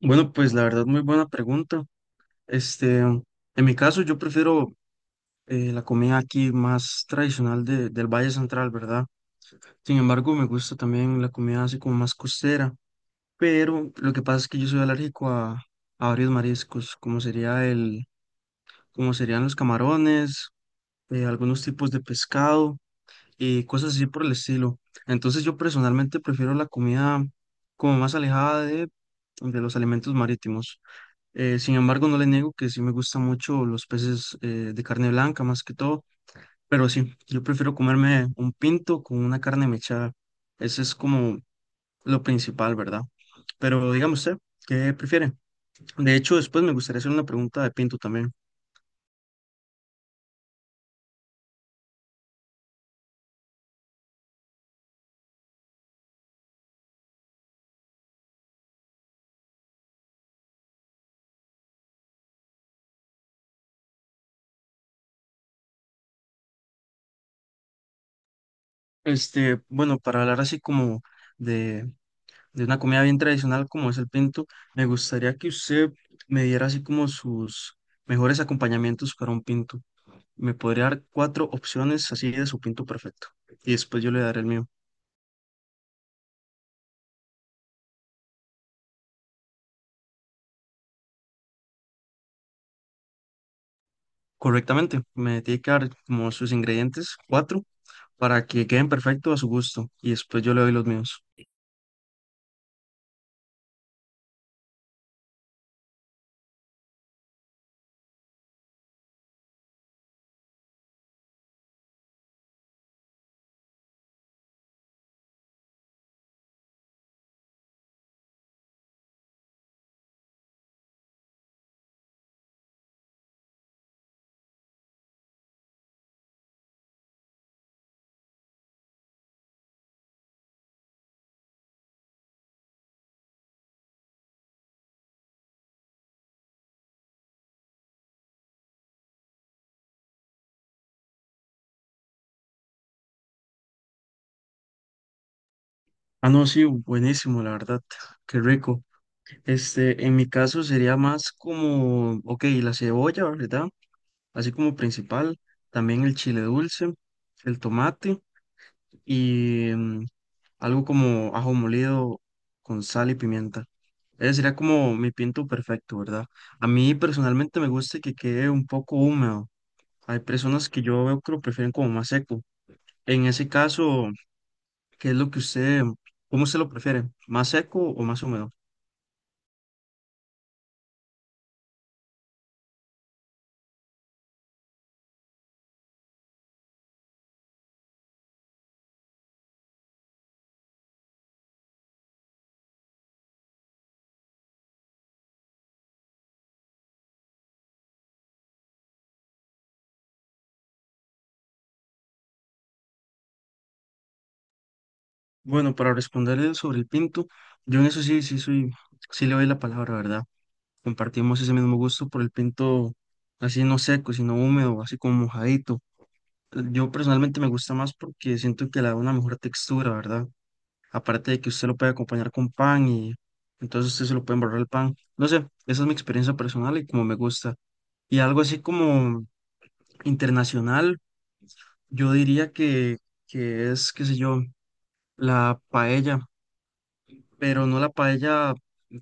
Bueno, pues la verdad, muy buena pregunta. Este, en mi caso, yo prefiero la comida aquí más tradicional del Valle Central, ¿verdad? Sin embargo, me gusta también la comida así como más costera, pero lo que pasa es que yo soy alérgico a varios mariscos, como sería como serían los camarones, algunos tipos de pescado y cosas así por el estilo. Entonces, yo personalmente prefiero la comida como más alejada de los alimentos marítimos. Sin embargo, no le niego que sí me gustan mucho los peces de carne blanca, más que todo, pero sí, yo prefiero comerme un pinto con una carne mechada. Ese es como lo principal, ¿verdad? Pero dígame usted, ¿qué prefiere? De hecho, después me gustaría hacer una pregunta de pinto también. Este, bueno, para hablar así como de, de una comida bien tradicional como es el pinto, me gustaría que usted me diera así como sus mejores acompañamientos para un pinto. Me podría dar cuatro opciones así de su pinto perfecto. Y después yo le daré el mío. Correctamente, me tiene que dar como sus ingredientes, cuatro, para que queden perfectos a su gusto. Y después yo le doy los míos. Ah, no, sí, buenísimo, la verdad. Qué rico. Este, en mi caso sería más como, ok, la cebolla, ¿verdad? Así como principal. También el chile dulce, el tomate y algo como ajo molido con sal y pimienta. Ese sería como mi pinto perfecto, ¿verdad? A mí personalmente me gusta que quede un poco húmedo. Hay personas que yo veo que lo prefieren como más seco. En ese caso, ¿qué es lo que usted, ¿cómo usted lo prefiere? ¿Más seco o más húmedo? Bueno, para responderle sobre el pinto, yo en eso sí, sí le doy la palabra, ¿verdad? Compartimos ese mismo gusto por el pinto así no seco, sino húmedo, así como mojadito. Yo personalmente me gusta más porque siento que le da una mejor textura, ¿verdad? Aparte de que usted lo puede acompañar con pan y entonces usted se lo puede embarrar el pan. No sé, esa es mi experiencia personal y como me gusta. Y algo así como internacional, yo diría que es, qué sé yo, la paella, pero no la paella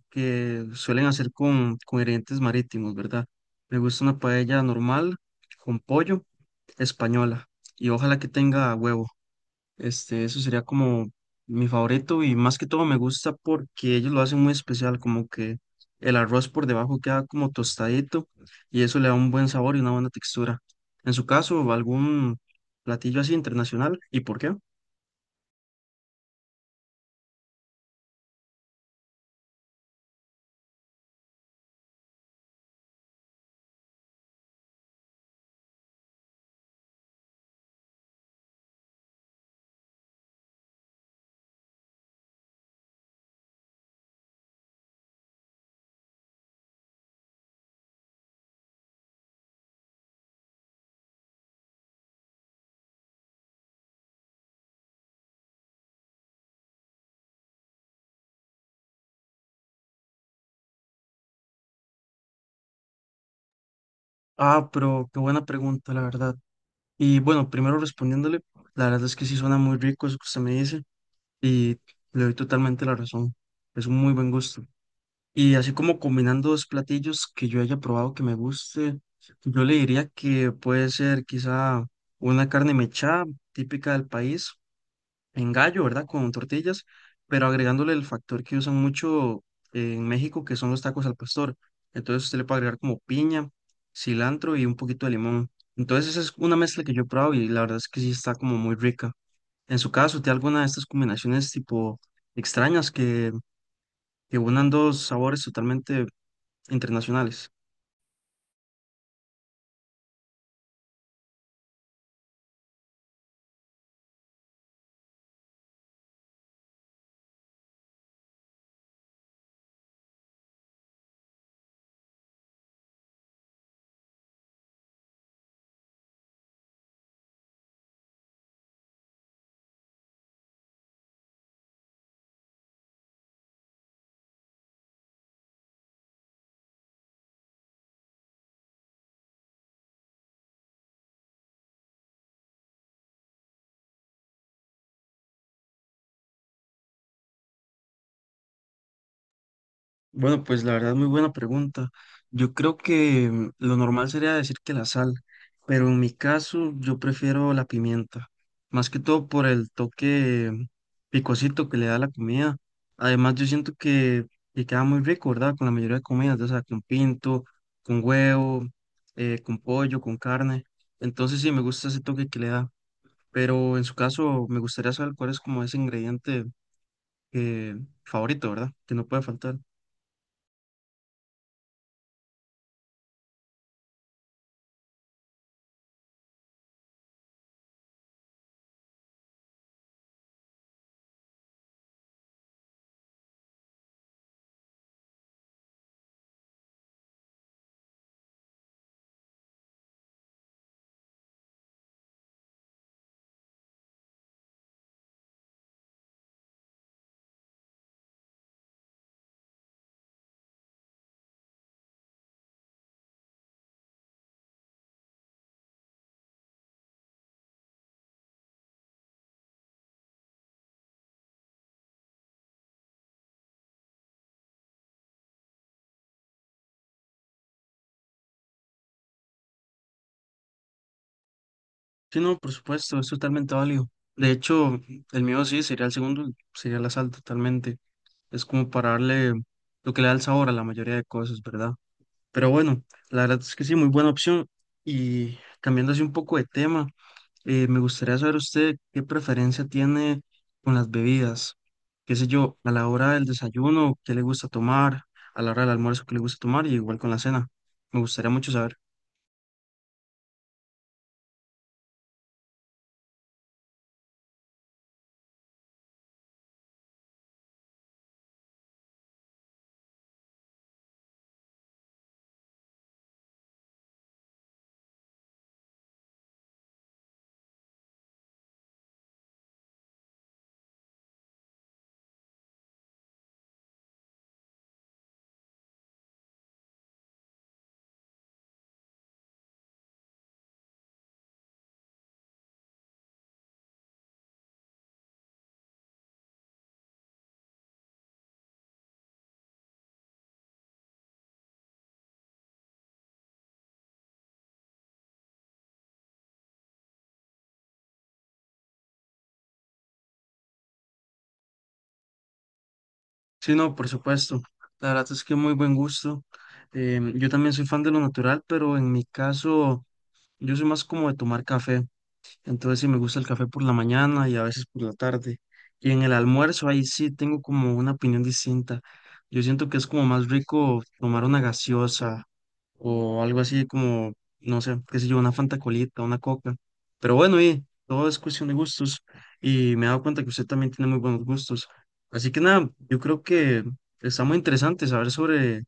que suelen hacer con ingredientes marítimos, ¿verdad? Me gusta una paella normal con pollo española y ojalá que tenga huevo. Este, eso sería como mi favorito y más que todo me gusta porque ellos lo hacen muy especial, como que el arroz por debajo queda como tostadito y eso le da un buen sabor y una buena textura. En su caso, ¿algún platillo así internacional? ¿Y por qué? Ah, pero qué buena pregunta, la verdad. Y bueno, primero respondiéndole, la verdad es que sí suena muy rico eso que usted me dice y le doy totalmente la razón. Es un muy buen gusto. Y así como combinando dos platillos que yo haya probado que me guste, yo le diría que puede ser quizá una carne mechada típica del país, en gallo, ¿verdad? Con tortillas, pero agregándole el factor que usan mucho en México, que son los tacos al pastor. Entonces usted le puede agregar como piña, cilantro y un poquito de limón. Entonces esa es una mezcla que yo he probado y la verdad es que sí está como muy rica. En su caso, ¿tiene alguna de estas combinaciones tipo extrañas que unan dos sabores totalmente internacionales? Bueno, pues la verdad, muy buena pregunta. Yo creo que lo normal sería decir que la sal, pero en mi caso yo prefiero la pimienta, más que todo por el toque picosito que le da la comida. Además, yo siento que queda muy rico, ¿verdad? Con la mayoría de comidas, o sea, con pinto, con huevo, con pollo, con carne. Entonces sí, me gusta ese toque que le da, pero en su caso me gustaría saber cuál es como ese ingrediente eh, favorito, ¿verdad? Que no puede faltar. Sí, no, por supuesto, es totalmente válido. De hecho, el mío sí sería el segundo, sería la sal totalmente. Es como para darle lo que le da el sabor a la mayoría de cosas, ¿verdad? Pero bueno, la verdad es que sí, muy buena opción. Y cambiando así un poco de tema, me gustaría saber usted qué preferencia tiene con las bebidas. Qué sé yo, a la hora del desayuno, qué le gusta tomar, a la hora del almuerzo, qué le gusta tomar, y igual con la cena. Me gustaría mucho saber. Sí, no, por supuesto. La verdad es que muy buen gusto. Yo también soy fan de lo natural, pero en mi caso, yo soy más como de tomar café. Entonces, sí me gusta el café por la mañana y a veces por la tarde. Y en el almuerzo, ahí sí tengo como una opinión distinta. Yo siento que es como más rico tomar una gaseosa o algo así como, no sé, qué sé yo, una Fanta Colita, una Coca. Pero bueno, y todo es cuestión de gustos y me he dado cuenta que usted también tiene muy buenos gustos. Así que nada, yo creo que está muy interesante saber sobre,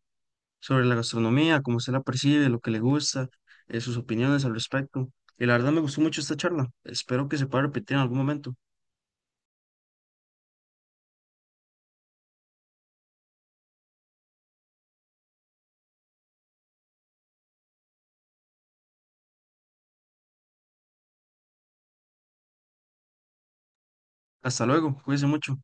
sobre la gastronomía, cómo usted la percibe, lo que le gusta, sus opiniones al respecto. Y la verdad me gustó mucho esta charla. Espero que se pueda repetir en algún momento. Hasta luego, cuídense mucho.